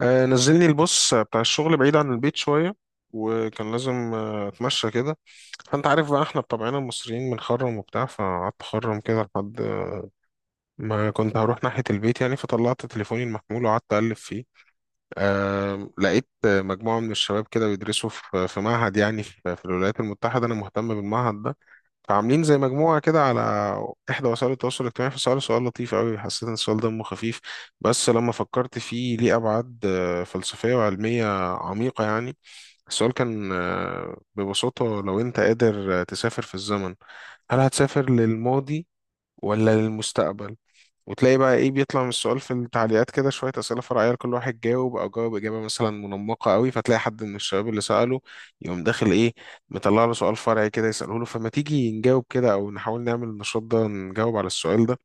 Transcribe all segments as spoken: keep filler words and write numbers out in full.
آه، نزلني البص بتاع الشغل بعيد عن البيت شوية، وكان لازم آه، اتمشى كده. فانت عارف بقى، احنا بطبعنا المصريين بنخرم وبتاع، فقعدت اخرم كده لحد ما كنت هروح ناحية البيت يعني، فطلعت تليفوني المحمول وقعدت اقلب فيه. آه، لقيت آه، مجموعة من الشباب كده بيدرسوا في في معهد، يعني في في الولايات المتحدة، انا مهتم بالمعهد ده. فعاملين زي مجموعة كده على إحدى وسائل التواصل الاجتماعي، فسألوا سؤال لطيف أوي، حسيت إن السؤال دمه خفيف، بس لما فكرت فيه ليه أبعاد آه، فلسفية وعلمية عميقة يعني. السؤال كان آه، ببساطة، لو أنت قادر آه، تسافر في الزمن، هل هتسافر للماضي ولا للمستقبل؟ وتلاقي بقى ايه بيطلع من السؤال في التعليقات، كده شوية أسئلة فرعية لكل واحد جاوب، أو جاوب إجابة مثلا منمقة قوي، فتلاقي حد من الشباب اللي سأله يقوم داخل ايه مطلع له سؤال فرعي كده يسأله له. فما تيجي نجاوب كده، أو نحاول نعمل النشاط ده، نجاوب على السؤال ده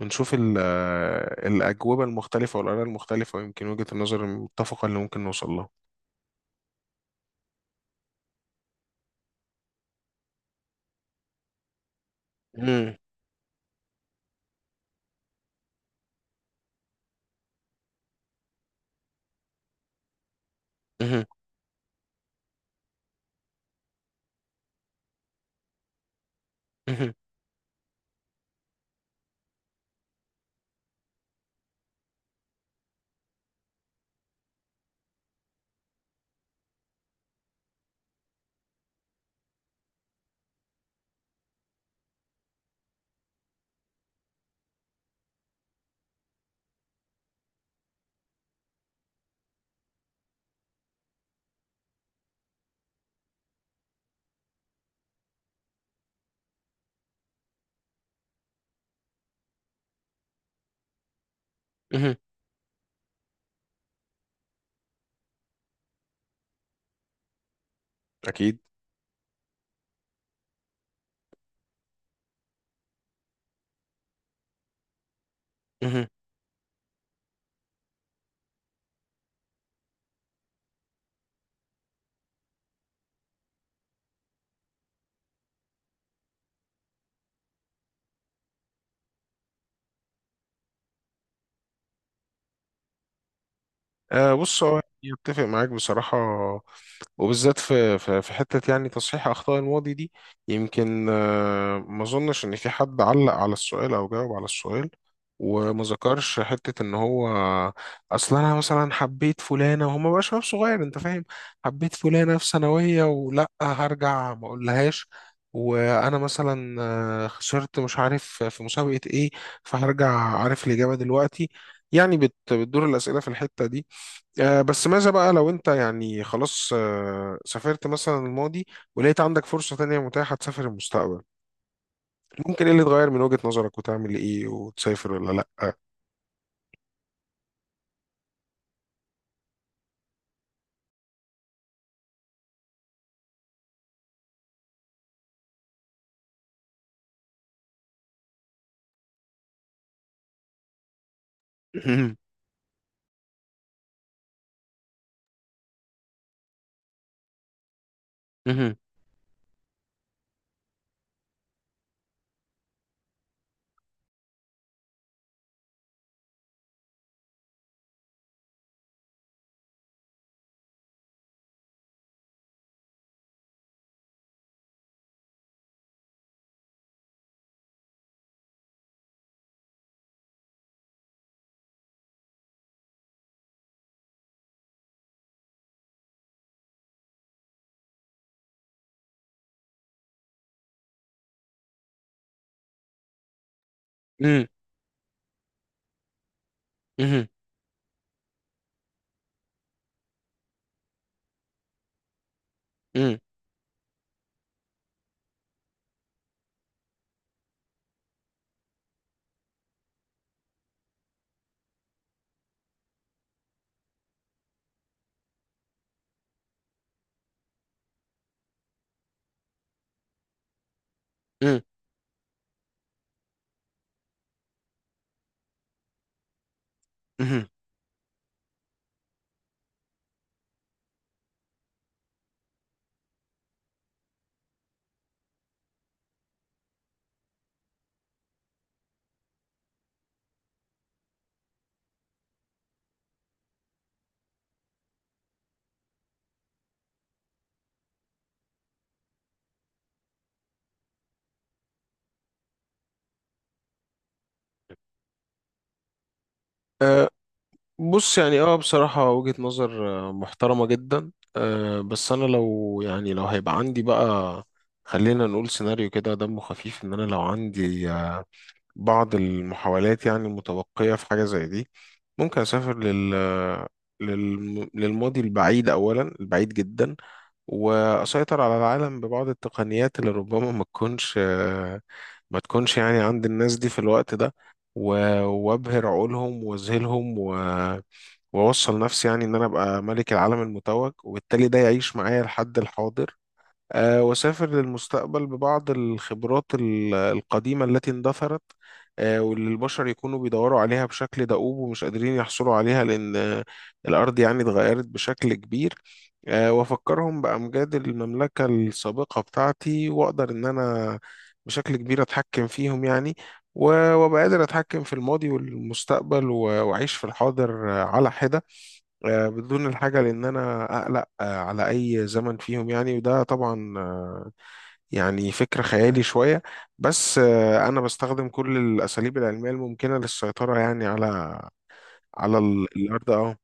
ونشوف ال- آه، الأجوبة المختلفة والآراء المختلفة، ويمكن وجهة النظر المتفقة اللي ممكن نوصل لها. مم. مهم. مهم. مهم. أكيد. مهم. آه، بص، هو أنا أتفق معاك بصراحة، وبالذات في في في حتة يعني تصحيح أخطاء الماضي دي. يمكن آه، ما أظنش إن في حد علق على السؤال أو جاوب على السؤال وما ذكرش حتة إن هو. أصل أنا مثلا حبيت فلانة، وهو ما بقى شباب صغير، أنت فاهم، حبيت فلانة في ثانوية ولأ هرجع ما أقولهاش. وأنا مثلا آه، خسرت مش عارف في مسابقة إيه، فهرجع عارف الإجابة دلوقتي، يعني بت- بتدور الأسئلة في الحتة دي. آه، بس ماذا بقى لو انت، يعني خلاص آه، سافرت مثلا الماضي ولقيت عندك فرصة تانية متاحة تسافر المستقبل، ممكن ايه اللي يتغير من وجهة نظرك؟ وتعمل ايه؟ وتسافر ولا لأ؟ مهم. مهم. مم. مهم. مم. مم. مهم. بص يعني اه بصراحة وجهة نظر آه، محترمة جدا. آه، بس انا لو، يعني لو هيبقى عندي بقى، خلينا نقول سيناريو كده دمه خفيف، ان انا لو عندي بعض المحاولات يعني المتبقية في حاجة زي دي، ممكن أسافر لل للم- للماضي البعيد أولا، البعيد جدا. وأسيطر على العالم ببعض التقنيات اللي ربما ما تكونش ما تكونش يعني عند الناس دي في الوقت ده. و- وأبهر عقولهم وأذهلهم و وأوصل نفسي، يعني إن أنا أبقى ملك العالم المتوج، وبالتالي ده يعيش معايا لحد الحاضر. آه، وسافر للمستقبل ببعض الخبرات ال- القديمة التي اندثرت. آه، واللي البشر يكونوا بيدوروا عليها بشكل دؤوب ومش قادرين يحصلوا عليها، لأن آه، الأرض يعني اتغيرت بشكل كبير. آه، وأفكرهم بأمجاد المملكة السابقة بتاعتي، وأقدر إن أنا بشكل كبير أتحكم فيهم يعني. و- وأبقى قادر أتحكم في الماضي والمستقبل و- وأعيش في الحاضر آه، على حدة، آه، بدون الحاجة لأن أنا أقلق آه، على أي زمن فيهم يعني. وده طبعا يعني فكرة خيالي شوية، بس آه، أنا بستخدم كل الأساليب العلمية الممكنة للسيطرة يعني على على ال- الأرض أهو.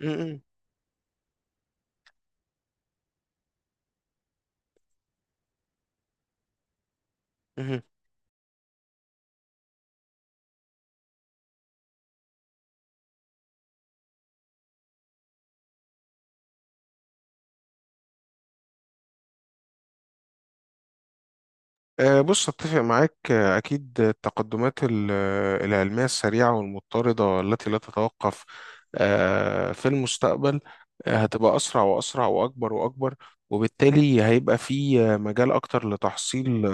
م- م- مهم. آه، بص أتفق معاك. آه، أكيد التقدمات ال- آه، العلمية السريعة والمضطردة التي لا تتوقف آه، في المستقبل آه، هتبقى أسرع وأسرع وأكبر وأكبر. وبالتالي هيبقى في آه، مجال أكتر لتحصيل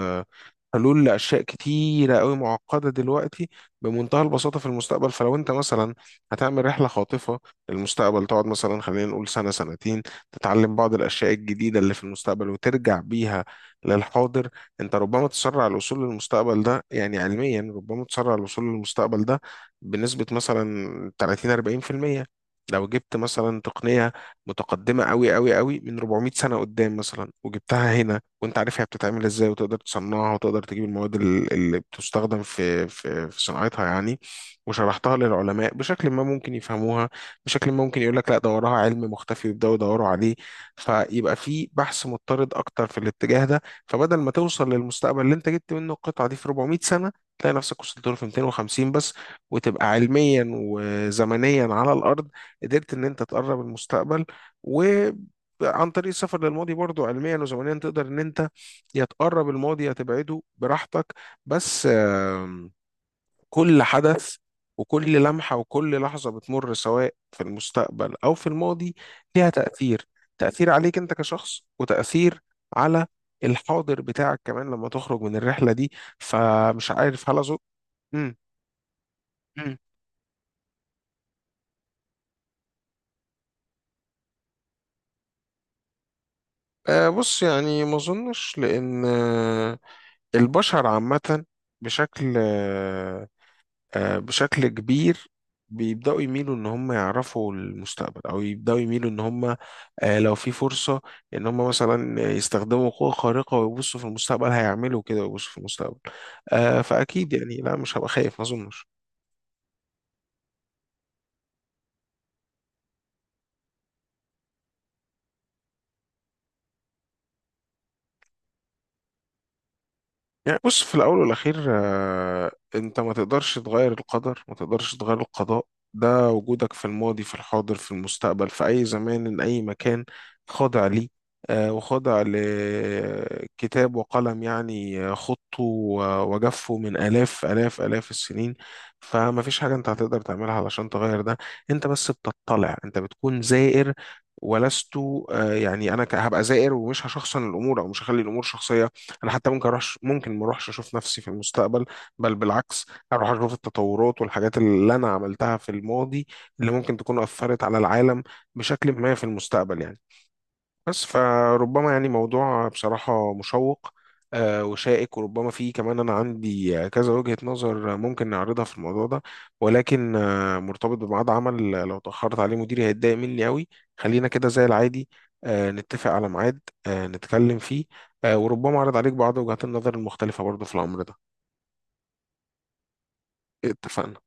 حلول لأشياء كتيرة قوي معقدة دلوقتي، بمنتهى البساطة في المستقبل. فلو أنت مثلا هتعمل رحلة خاطفة للمستقبل، تقعد مثلا خلينا نقول سنة سنتين، تتعلم بعض الأشياء الجديدة اللي في المستقبل وترجع بيها للحاضر. أنت ربما تسرع الوصول للمستقبل ده، يعني علميا ربما تسرع الوصول للمستقبل ده بنسبة مثلا تلاتين أربعين في المية. لو جبت مثلا تقنية متقدمة قوي قوي قوي من أربعمائة سنة قدام مثلا وجبتها هنا، وانت عارف هي بتتعمل ازاي وتقدر تصنعها وتقدر تجيب المواد ال- اللي بتستخدم في في في صناعتها يعني. وشرحتها للعلماء بشكل ما ممكن يفهموها، بشكل ما ممكن يقول لك لا ده وراها علم مختفي ويبداوا يدوروا عليه، فيبقى في بحث مضطرد اكتر في الاتجاه ده. فبدل ما توصل للمستقبل اللي انت جبت منه القطعه دي في أربعمائة سنه، تلاقي نفسك وصلت له في ميتين وخمسين بس، وتبقى علميا وزمنيا على الارض قدرت ان انت تقرب المستقبل. عن طريق السفر للماضي برضو، علميا وزمنيا تقدر ان انت يا تقرب الماضي يا تبعده براحتك. بس آم، كل حدث وكل لمحة وكل لحظة بتمر سواء في المستقبل أو في الماضي ليها تأثير، تأثير عليك أنت كشخص، وتأثير على الحاضر بتاعك كمان لما تخرج من الرحلة دي. فمش عارف، هل أظن. مم. مم. آه، بص يعني ما أظنش، لأن آه، البشر عامة بشكل آه، آه، بشكل كبير بيبدأوا يميلوا ان هم يعرفوا المستقبل، او يبدأوا يميلوا ان هم، آه، لو في فرصة ان هم مثلا يستخدموا قوة خارقة ويبصوا في المستقبل، هيعملوا كده ويبصوا في المستقبل. آه، فأكيد يعني لا، مش هبقى خايف ما اظنش. يعني بص في الأول والأخير، آه، أنت ما تقدرش تغير القدر، ما تقدرش تغير القضاء، ده وجودك في الماضي، في الحاضر، في المستقبل، في أي زمان أي مكان خاضع ليه. آه، وخاضع لكتاب وقلم، يعني آه، خطه و- وجفه من آلاف آلاف آلاف السنين. فما فيش حاجة أنت هتقدر تعملها علشان تغير ده، أنت بس بتطلع، أنت بتكون زائر ولست. آه، يعني أنا ك- هبقى زائر، ومش هشخصن الأمور أو مش هخلي الأمور شخصية. انا حتى ممكن اروح ممكن ما اروحش اشوف نفسي في المستقبل، بل بالعكس، هروح اشوف التطورات والحاجات اللي انا عملتها في الماضي اللي ممكن تكون اثرت على العالم بشكل ما في المستقبل يعني. بس فربما، يعني موضوع بصراحة مشوق آه، وشائك، وربما فيه كمان أنا عندي كذا وجهة نظر ممكن نعرضها في الموضوع ده. ولكن آه، مرتبط بميعاد عمل، لو تأخرت عليه مديري هيتضايق مني قوي. خلينا كده زي العادي، آه، نتفق على ميعاد، آه، نتكلم فيه، آه، وربما أعرض عليك بعض وجهات النظر المختلفة برضو في الأمر ده. اتفقنا.